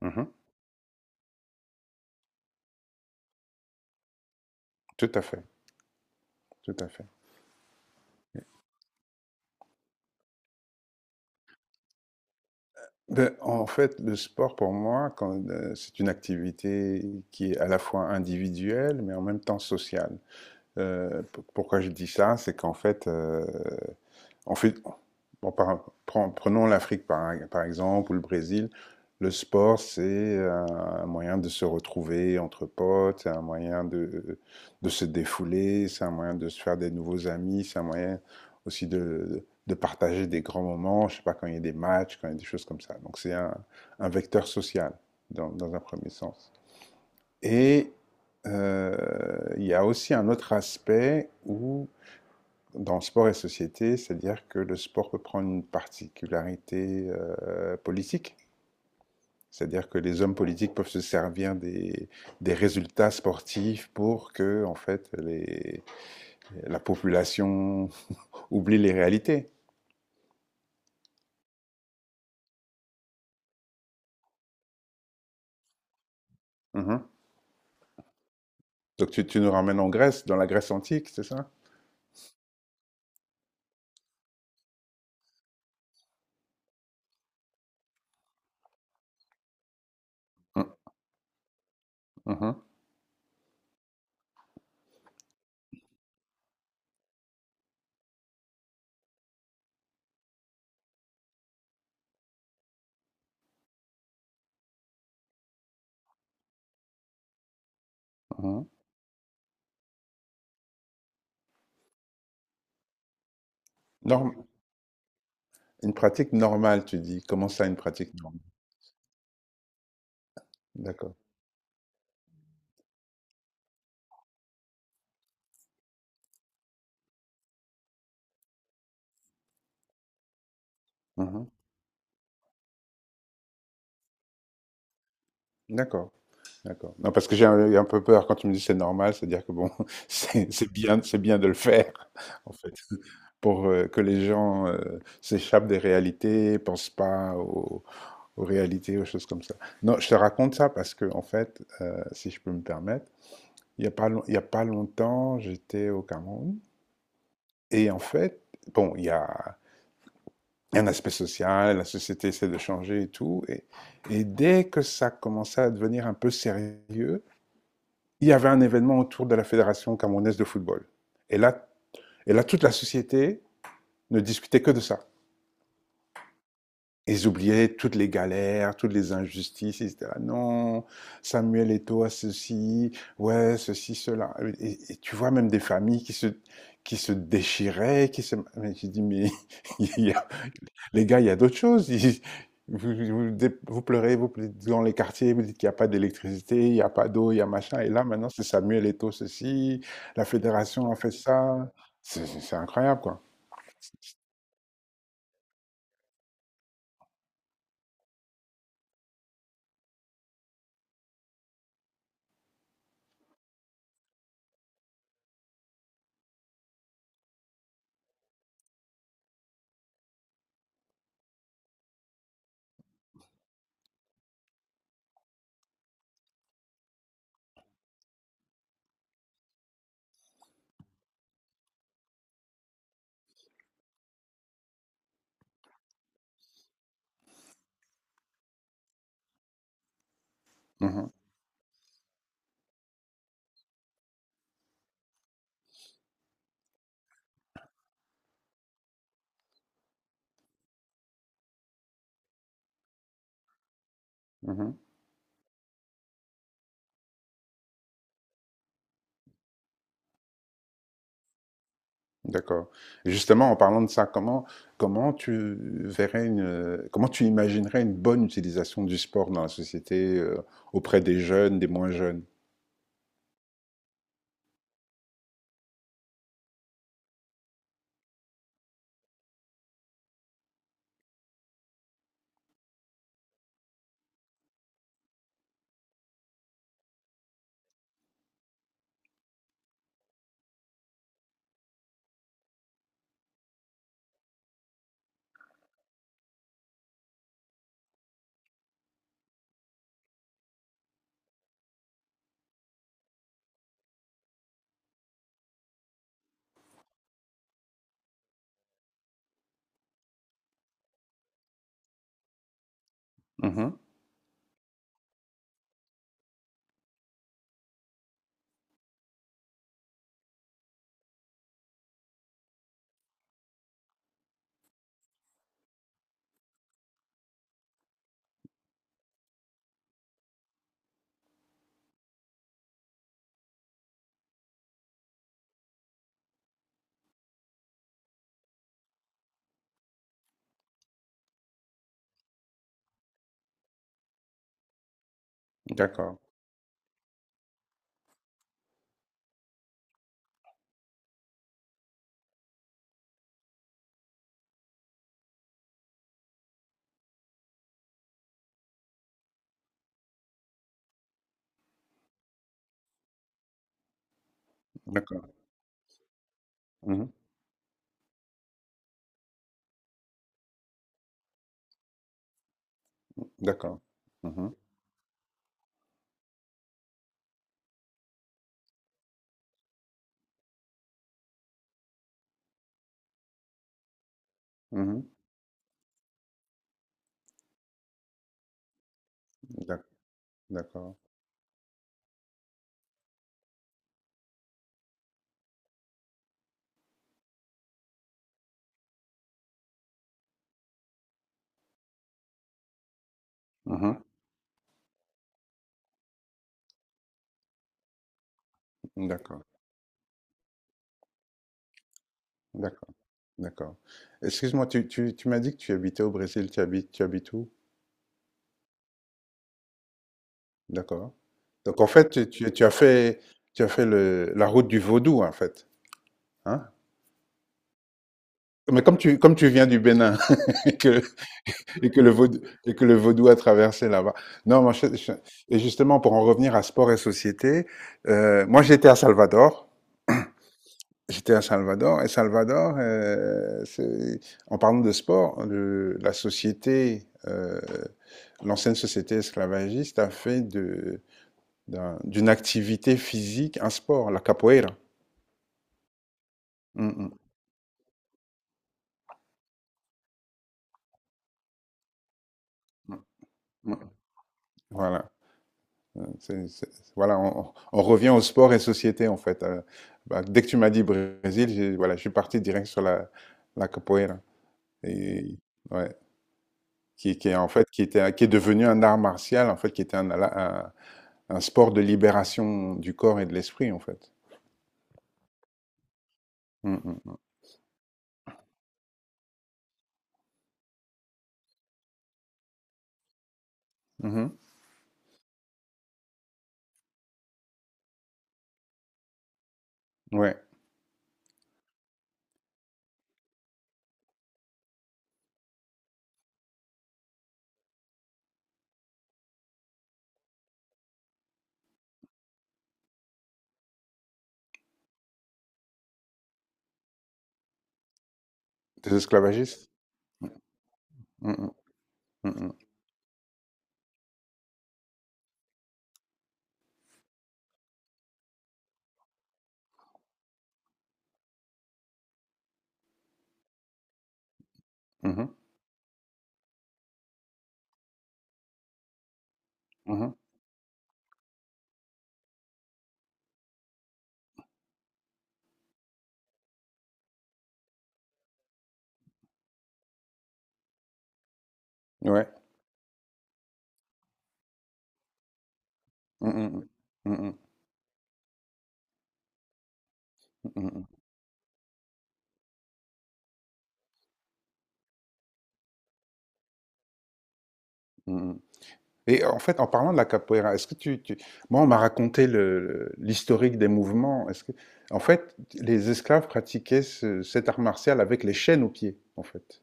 Mhm. Tout à fait, tout à fait. En fait, le sport pour moi, c'est une activité qui est à la fois individuelle, mais en même temps sociale. Euh, pourquoi je dis ça? C'est qu'en fait, en fait bon, par- prenons l'Afrique par exemple ou le Brésil. Le sport, c'est un moyen de se retrouver entre potes, c'est un moyen de se défouler, c'est un moyen de se faire des nouveaux amis, c'est un moyen aussi de partager des grands moments, je ne sais pas, quand il y a des matchs, quand il y a des choses comme ça. Donc c'est un vecteur social dans un premier sens. Et il y a aussi un autre aspect où, dans sport et société, c'est-à-dire que le sport peut prendre une particularité politique. C'est-à-dire que les hommes politiques peuvent se servir des résultats sportifs pour que, en fait, la population oublie les réalités. Mhm. Donc tu nous ramènes en Grèce, dans la Grèce antique, c'est ça? Mm, mhm, mhm. Norm- une pratique normale, tu dis. Comment ça, une pratique normale? D'accord. Mmh. D'accord, d'accord. Non, parce que j'ai un peu peur quand tu me dis: «C'est normal», c'est-à-dire que bon, c'est bien de le faire, en fait, pour, que les gens, s'échappent des réalités, pensent pas aux réalités, aux choses comme ça. Non, je te raconte ça parce que en fait, si je peux me permettre, il y a pas long il y a pas longtemps, j'étais au Cameroun. Et en fait, bon, il y a un aspect social, la société essaie de changer et tout. Et dès que ça commençait à devenir un peu sérieux, il y avait un événement autour de la Fédération camerounaise de football. Et là, et là toute la société ne discutait que de ça. Ils oubliaient toutes les galères, toutes les injustices. Ils disaient ah non, Samuel Eto'o a ceci, ouais, ceci, cela. Et tu vois même des familles qui se déchiraient, qui se. Mais je dis mais il y a les gars, il y a d'autres choses. Vous, vous- Vous pleurez, vous dites dans les quartiers, vous dites qu'il n'y a pas d'électricité, il n'y a pas d'eau, il y a machin. Et là, maintenant, c'est Samuel Eto'o ceci, la fédération a fait ça. C'est incroyable, quoi. Mhm, mhm. D'accord. Et justement, en parlant de ça, comment tu verrais une, comment tu imaginerais une bonne utilisation du sport dans la société, auprès des jeunes, des moins jeunes? Mhm. D'accord, d'accord, Mhm, d'accord, Mhm. Mhm. D'ac- d'accord. Mhm. D'accord, d'accord, d'accord. Excuse-moi, tu m'as dit que tu habitais au Brésil, tu habites où? D'accord. Donc en fait, tu as fait, tu as fait la route du vaudou, en fait. Hein? Mais comme tu viens du Bénin et que, et que le vaudou a traversé là-bas. Non, et justement, pour en revenir à sport et société, moi j'étais à Salvador. J'étais à Salvador. En parlant de sport, la société. L'ancienne société esclavagiste a fait de d'une activité physique un sport, la capoeira. Mmh mh. Ouais. Voilà. C'est Voilà, on revient au sport et société, en fait, bah, dès que tu m'as dit Brésil, j'ai voilà, je suis parti direct sur la capoeira. Et ouais, qui est, en fait, qui est devenu un art martial, en fait, qui était un un sport de libération du corps et de l'esprit, en fait. Mmh mh. Mmh mh. Ouais, des esclavagistes. Mmh mh. Mmh mh. Mmh mh. Mmh. Ouais. Mmh, mmh, mmh. Mmh, mmh, mmh, mmh, mmh. Mmh, mmh. Et en fait, en parlant de la capoeira, est-ce que tu- Moi, on m'a raconté l'historique des mouvements. Est-ce que... En fait, les esclaves pratiquaient cet art martial avec les chaînes aux pieds, en fait.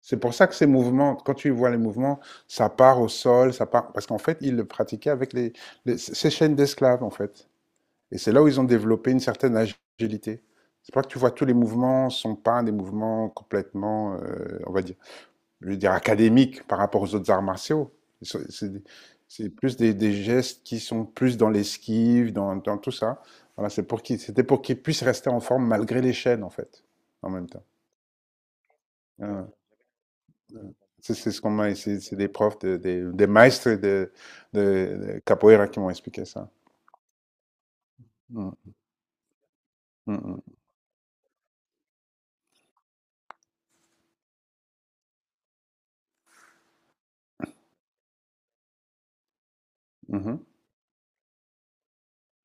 C'est pour ça que ces mouvements, quand tu vois les mouvements, ça part au sol, ça part... Parce qu'en fait, ils le pratiquaient avec ces chaînes d'esclaves, en fait. Et c'est là où ils ont développé une certaine agilité. C'est pour ça que tu vois tous les mouvements sont pas des mouvements complètement, on va dire, je veux dire, académiques par rapport aux autres arts martiaux. C'est c'est- c'est plus des gestes qui sont plus dans l'esquive, dans tout ça. Voilà, c'était pour qu'ils puissent rester en forme malgré les chaînes, en fait, en même temps. Voilà. C'est Ce qu'on m'a, c'est des profs, des maîtres de capoeira qui m'ont expliqué ça. Mm. Mm, mm. Mhm.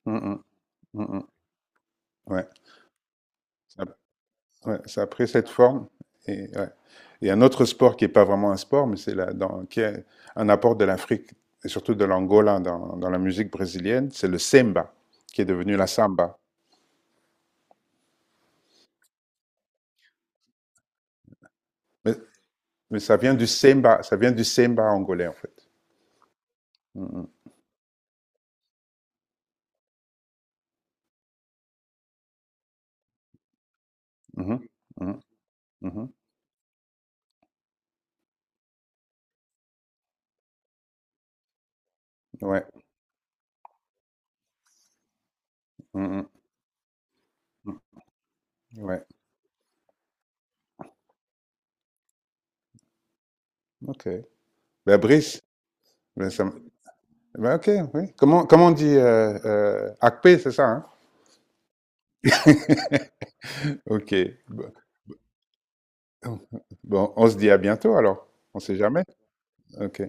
Mm, mm. Mm, mm. Ouais. Ouais, ça a pris cette forme. Et, ouais. Et un autre sport qui n'est pas vraiment un sport, mais qui est un apport de l'Afrique, et surtout de l'Angola dans, dans la musique brésilienne, c'est le semba, qui est devenu la samba. Mais, mais ça vient du semba, ça vient du semba angolais, en fait. Mhm, mhm, mhm, mhm. Ouais, mhm, ouais, ok. Ben, Brice, ben, ça m- ben, ok, oui. Comment on dit Akpé, c'est ça, hein? Ok. Bon, bon, on se dit à bientôt alors. On sait jamais. Ok.